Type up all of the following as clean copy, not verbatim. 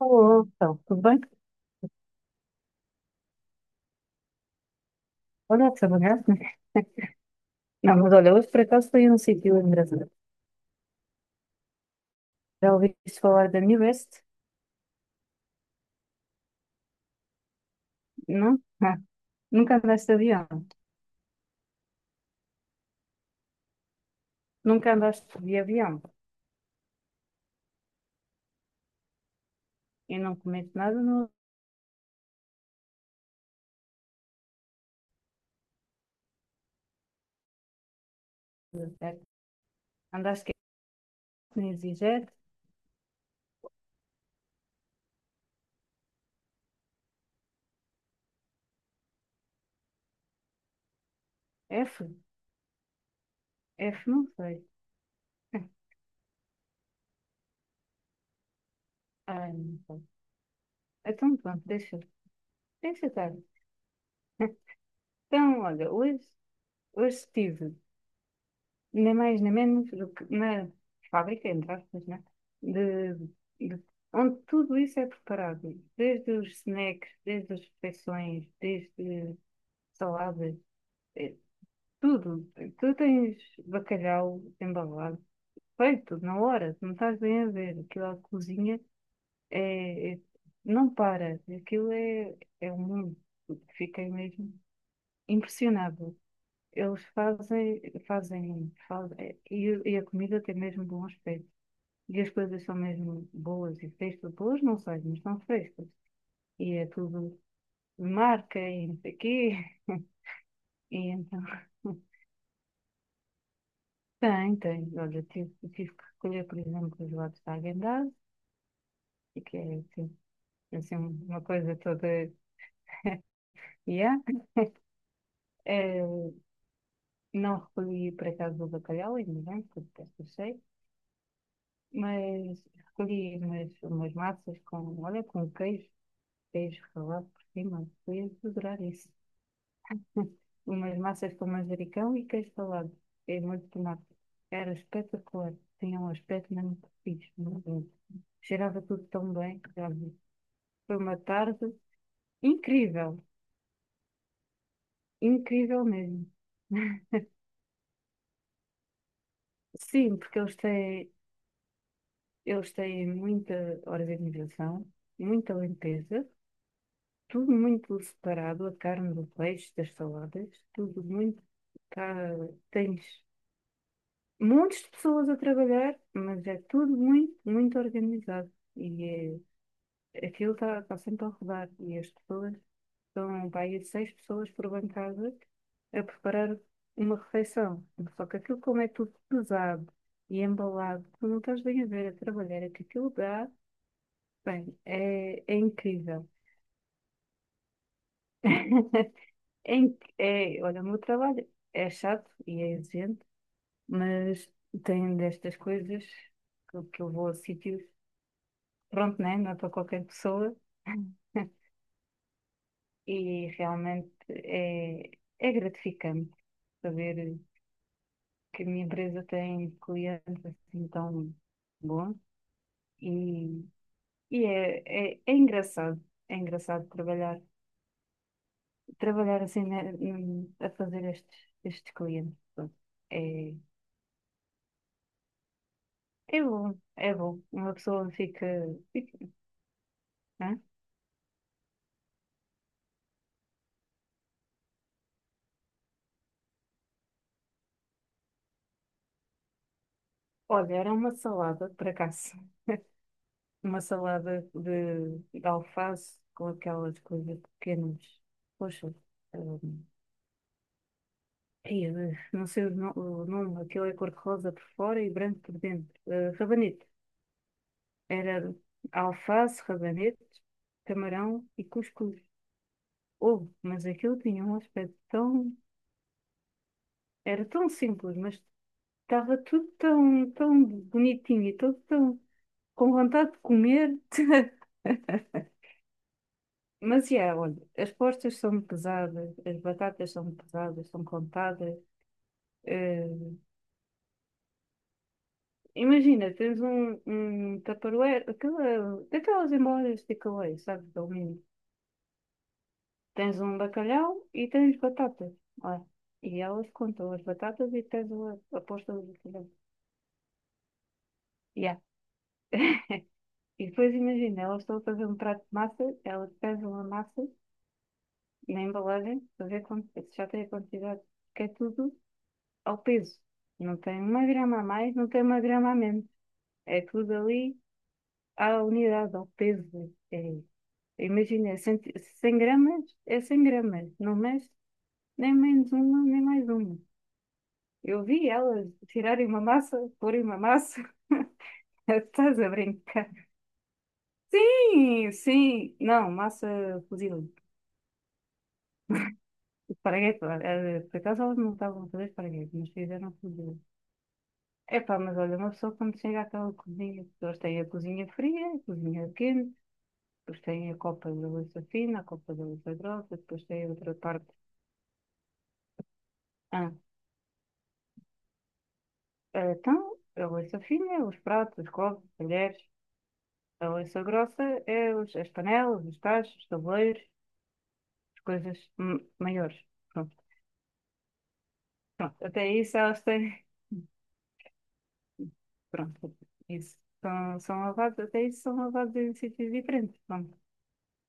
Olá, então, tudo bem? Olha, que saudades. Não, mas olha, hoje por acaso fui a um sítio engraçado. Já ouviste falar da New West? Não? Ah, nunca andaste de avião. Nunca andaste de avião. E não comeste nada no avião, certo? Andaste que nem EasyJet? F? F, não sei. Ai, não sei. Então pronto, deixa. Deixa estar. Então, olha, hoje estive, nem mais nem menos do que na fábrica, entre aspas, né? De, de- Onde tudo isso é preparado, desde os snacks, desde as refeições, desde saladas, eh, tudo. Tu tens bacalhau embalado, feito na hora, tu não estás bem a ver, aquilo à cozinha é, é- não para, aquilo é um mundo, fiquei mesmo impressionado. Eles fazem, e a comida tem mesmo bom aspecto. E as coisas são mesmo boas e frescas. Boas não sei, mas são frescas. E é tudo de marca e não sei o quê. E então, tem, tem. Olha, tive que escolher, por exemplo, os lados da Häagen-Dazs, e que é assim, assim, uma coisa toda. Yeah. Eh, não recolhi, por acaso, o bacalhau, ainda bem, porque detesto o cheiro, mas recolhi umas massas com, olha, com queijo. Queijo ralado por cima, eu ia adorar isso. Umas massas com manjericão e queijo ralado. E molho de tomate. Era espetacular. Tinha um aspecto mesmo fixe, muito bom. Cheirava tudo tão bem, sabe? Foi uma tarde incrível. Incrível mesmo. Sim, porque eles têm muita organização, muita limpeza, tudo muito separado, a carne do peixe, das saladas, tudo muito. Tá, tens montes de pessoas a trabalhar, mas é tudo muito, muito organizado. E é, aquilo está tá tá sempre a rodar. E as pessoas são, pá, aí seis pessoas por bancada a preparar uma refeição. Só que aquilo, como é tudo pesado e embalado, tu não estás bem a ver a trabalhar, é que aquilo dá, bem, é incrível. Olha, o meu trabalho é chato e é exigente, mas tem destas coisas que eu vou a sítios, pronto, né? Não é para qualquer pessoa. E realmente é gratificante saber que a minha empresa tem clientes assim tão bons e, e é, é, é engraçado, é engraçado trabalhar assim né, a fazer estes clientes. Pronto. É, é é bom. Uma pessoa fica, né? Olha, era uma salada, por acaso. Uma salada de alface com aquelas coisas pequenas. Poxa, hum, ai, eh, não sei o, o nome, aquilo é cor-de-rosa por fora e branco por dentro. Eh, rabanete. Era alface, rabanete, camarão e cuscuz. Oh, mas aquilo tinha um aspecto tão... Era tão simples, mas estava tudo tão, tão bonitinho e tudo tão com vontade de comer. Mas, yeah, olha, as postas são pesadas, as batatas são pesadas, são contadas. eh, Imagina, tens um tupperware, aquela, daquelas embalagens de takeaway, sabes, de alumínio. Tens um bacalhau e tens batatas. Olha, e elas contam as batatas e tens a posta do bacalhau. Yeah. E depois imagina, elas estão a fazer um prato de massa, elas pesam a massa na embalagem para ver se já tem a quantidade, que é tudo ao peso. Não tem uma grama a mais, não tem uma grama a menos. É tudo ali à unidade, ao peso. É, imagina, 100, 100 gramas é 100 gramas. Não mexe nem menos uma, nem mais uma. Eu vi elas tirarem uma massa, porem uma massa. Estás a brincar? Sim, sim. Não, massa fuzil. Esparguete, lá. Eh, por acaso elas não estavam a fazer esparguete, mas fizeram fuzil. Epá, mas olha, uma pessoa quando chega àquela cozinha, as pessoas têm a cozinha fria, a cozinha quente. Depois tem a copa da louça fina, a copa da louça grossa, depois tem outra parte. Ah, então, a louça fina é os pratos, os copos, os talheres. A louça grossa é os, as panelas, os tachos, os tabuleiros, as coisas maiores. Pronto, pronto. Até isso elas têm. Pronto, isso. São lavados, até isso são lavados em sítios diferentes. Pronto.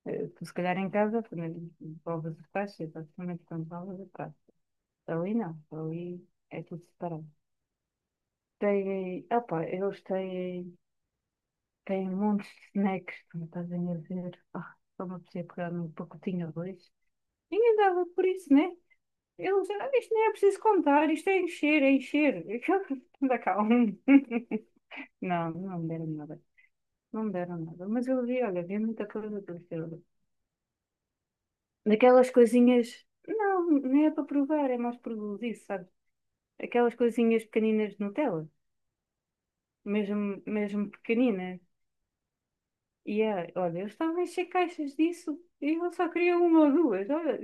Eh, tu, se calhar em casa, primeiro lavas os tachos, exatamente quando lavas o prato. Ali não, ali é tudo separado. Têm, opa, eles têm montes de snacks, como estás a me dizer. Ah, só me apetecia pegar num pacotinho ou dois. Ninguém dava por isso, né? Eles, ah, isto nem é preciso contar, isto é encher, é encher. Anda cá, um. Não, não me deram nada. Não me deram nada. Mas eu vi, olha, vi muita coisa para ser. Daquelas coisinhas, não, nem é para provar, é mais por isso, sabes? Aquelas coisinhas pequeninas de Nutella, mesmo, mesmo pequeninas. E olha, eles estavam a encher caixas disso e eu só queria uma ou duas. Olha,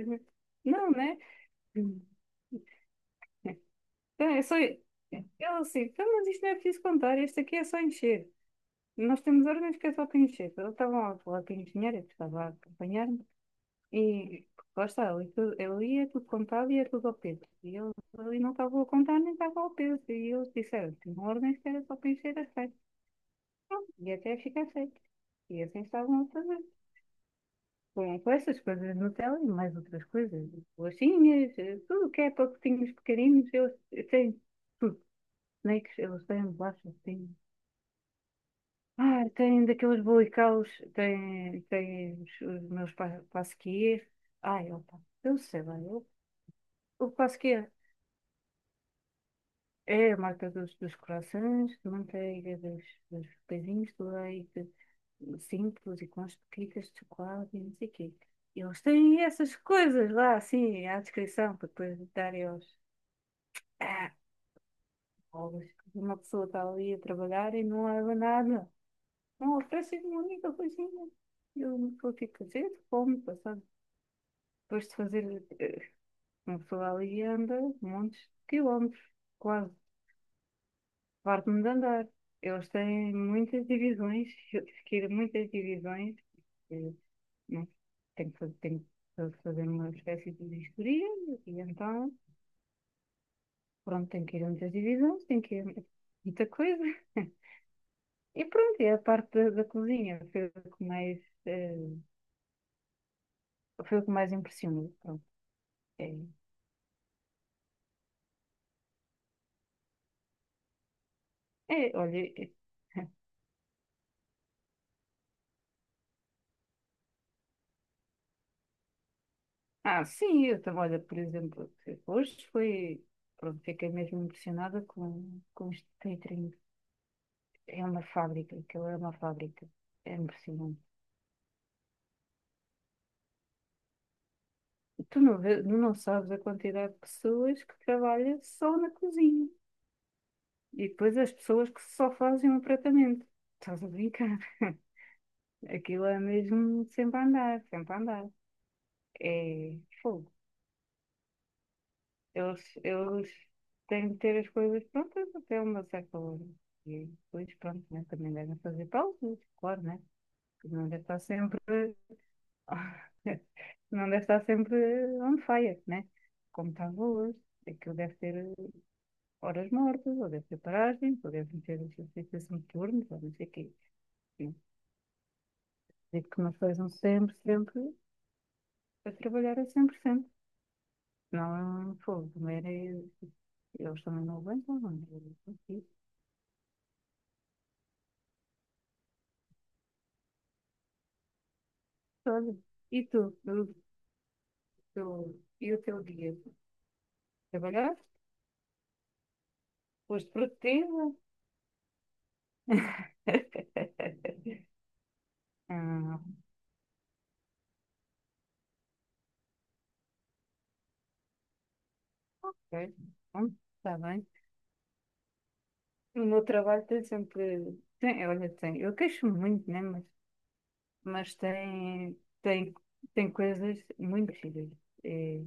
não, né? Hum. Então, é só. Ele assim, então, mas isto não é preciso contar, este aqui é só encher. Nós temos órgãos que é só para encher. Ele estava a falar com a engenheira, que estava a acompanhar-me, e lá está, ele, ele ia tudo contado e ia tudo ao peso. E eu ali não estava a contar nem estava ao peso. E eles disseram: tinham órgãos que era só para encher a festa, e até ficar feito. E assim estavam a fazer. Com essas coisas no Nutella e mais outras coisas, bolachinhas, tudo o que é pacotinhos pequeninos, eles têm tudo. Snakes, eles têm bolachas, têm. Ah, têm daqueles bolicaus, têm os meus pasquiers. Ai, opa, eu sei lá, eu, o pasquier é É a marca dos croissants, de manteiga, dos pãezinhos de leite, simples e com as pequitas de chocolate e não sei o quê. Eles têm essas coisas lá, assim, à descrição, para depois darem aos ah, pobres. Uma pessoa está ali a trabalhar e não leva nada. Não oferecem uma única coisinha. E uma pessoa fica cedo, fome, passando. Depois de fazer, eh, uma pessoa ali anda montes de quilómetros, quase, parte-me de andar. Eles têm muitas divisões, eu tive que ir a muitas divisões. eh, né? Tenho que fazer uma espécie de vistoria e então, pronto, tenho que ir a muitas divisões, tenho que ir a muita coisa. E pronto, e a parte da cozinha foi o que mais, eh, foi o que mais impressionou. Pronto, é, é, olha, é- ah, sim, eu também, olha, por exemplo, hoje foi, pronto, fiquei mesmo impressionada com este catering. É uma fábrica, aquilo é uma fábrica. É impressionante. Tu não, tu não sabes a quantidade de pessoas que trabalha só na cozinha. E depois as pessoas que só fazem o tratamento. Estás a brincar? Aquilo é mesmo sempre a andar, sempre a andar. É fogo. Eles têm de ter as coisas prontas até uma certa hora. E depois, pronto, né? Também devem fazer pausas, claro, né? Porque não deve estar sempre. Não deve estar sempre on fire, né? Como estava hoje. Aquilo deve ter horas mortas, ou deve ter paragem, ou devem ter exercícios turnos, ou não sei o quê. Sim. Digo que não sejam sempre, sempre a trabalhar a 100%. Não, é um fogo, comer é. Eles também não aguentam, não é? E tu, e o teu dia? Trabalhaste? Foste produtiva? Ah, ok. Bom, está bem. O meu trabalho tem sempre. Tem, olha, tem. Eu queixo-me muito, né? Mas tem coisas muito giras. Eh,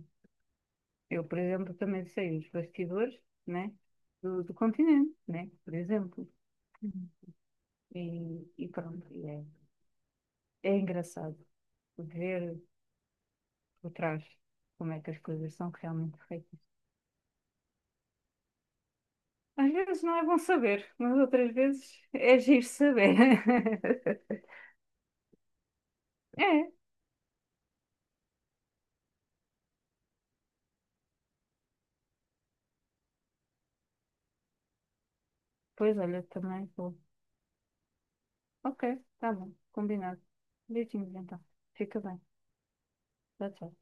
Eu, por exemplo, também sei os bastidores, né, do continente, né, por exemplo. Uhum. E pronto, é é engraçado ver por trás como é que as coisas são realmente feitas. Às vezes não é bom saber, mas outras vezes é giro saber. É, pois olha, também vou. Ok, tá bom, combinado. Beijinhos então. Fica bem. Tchau, tchau.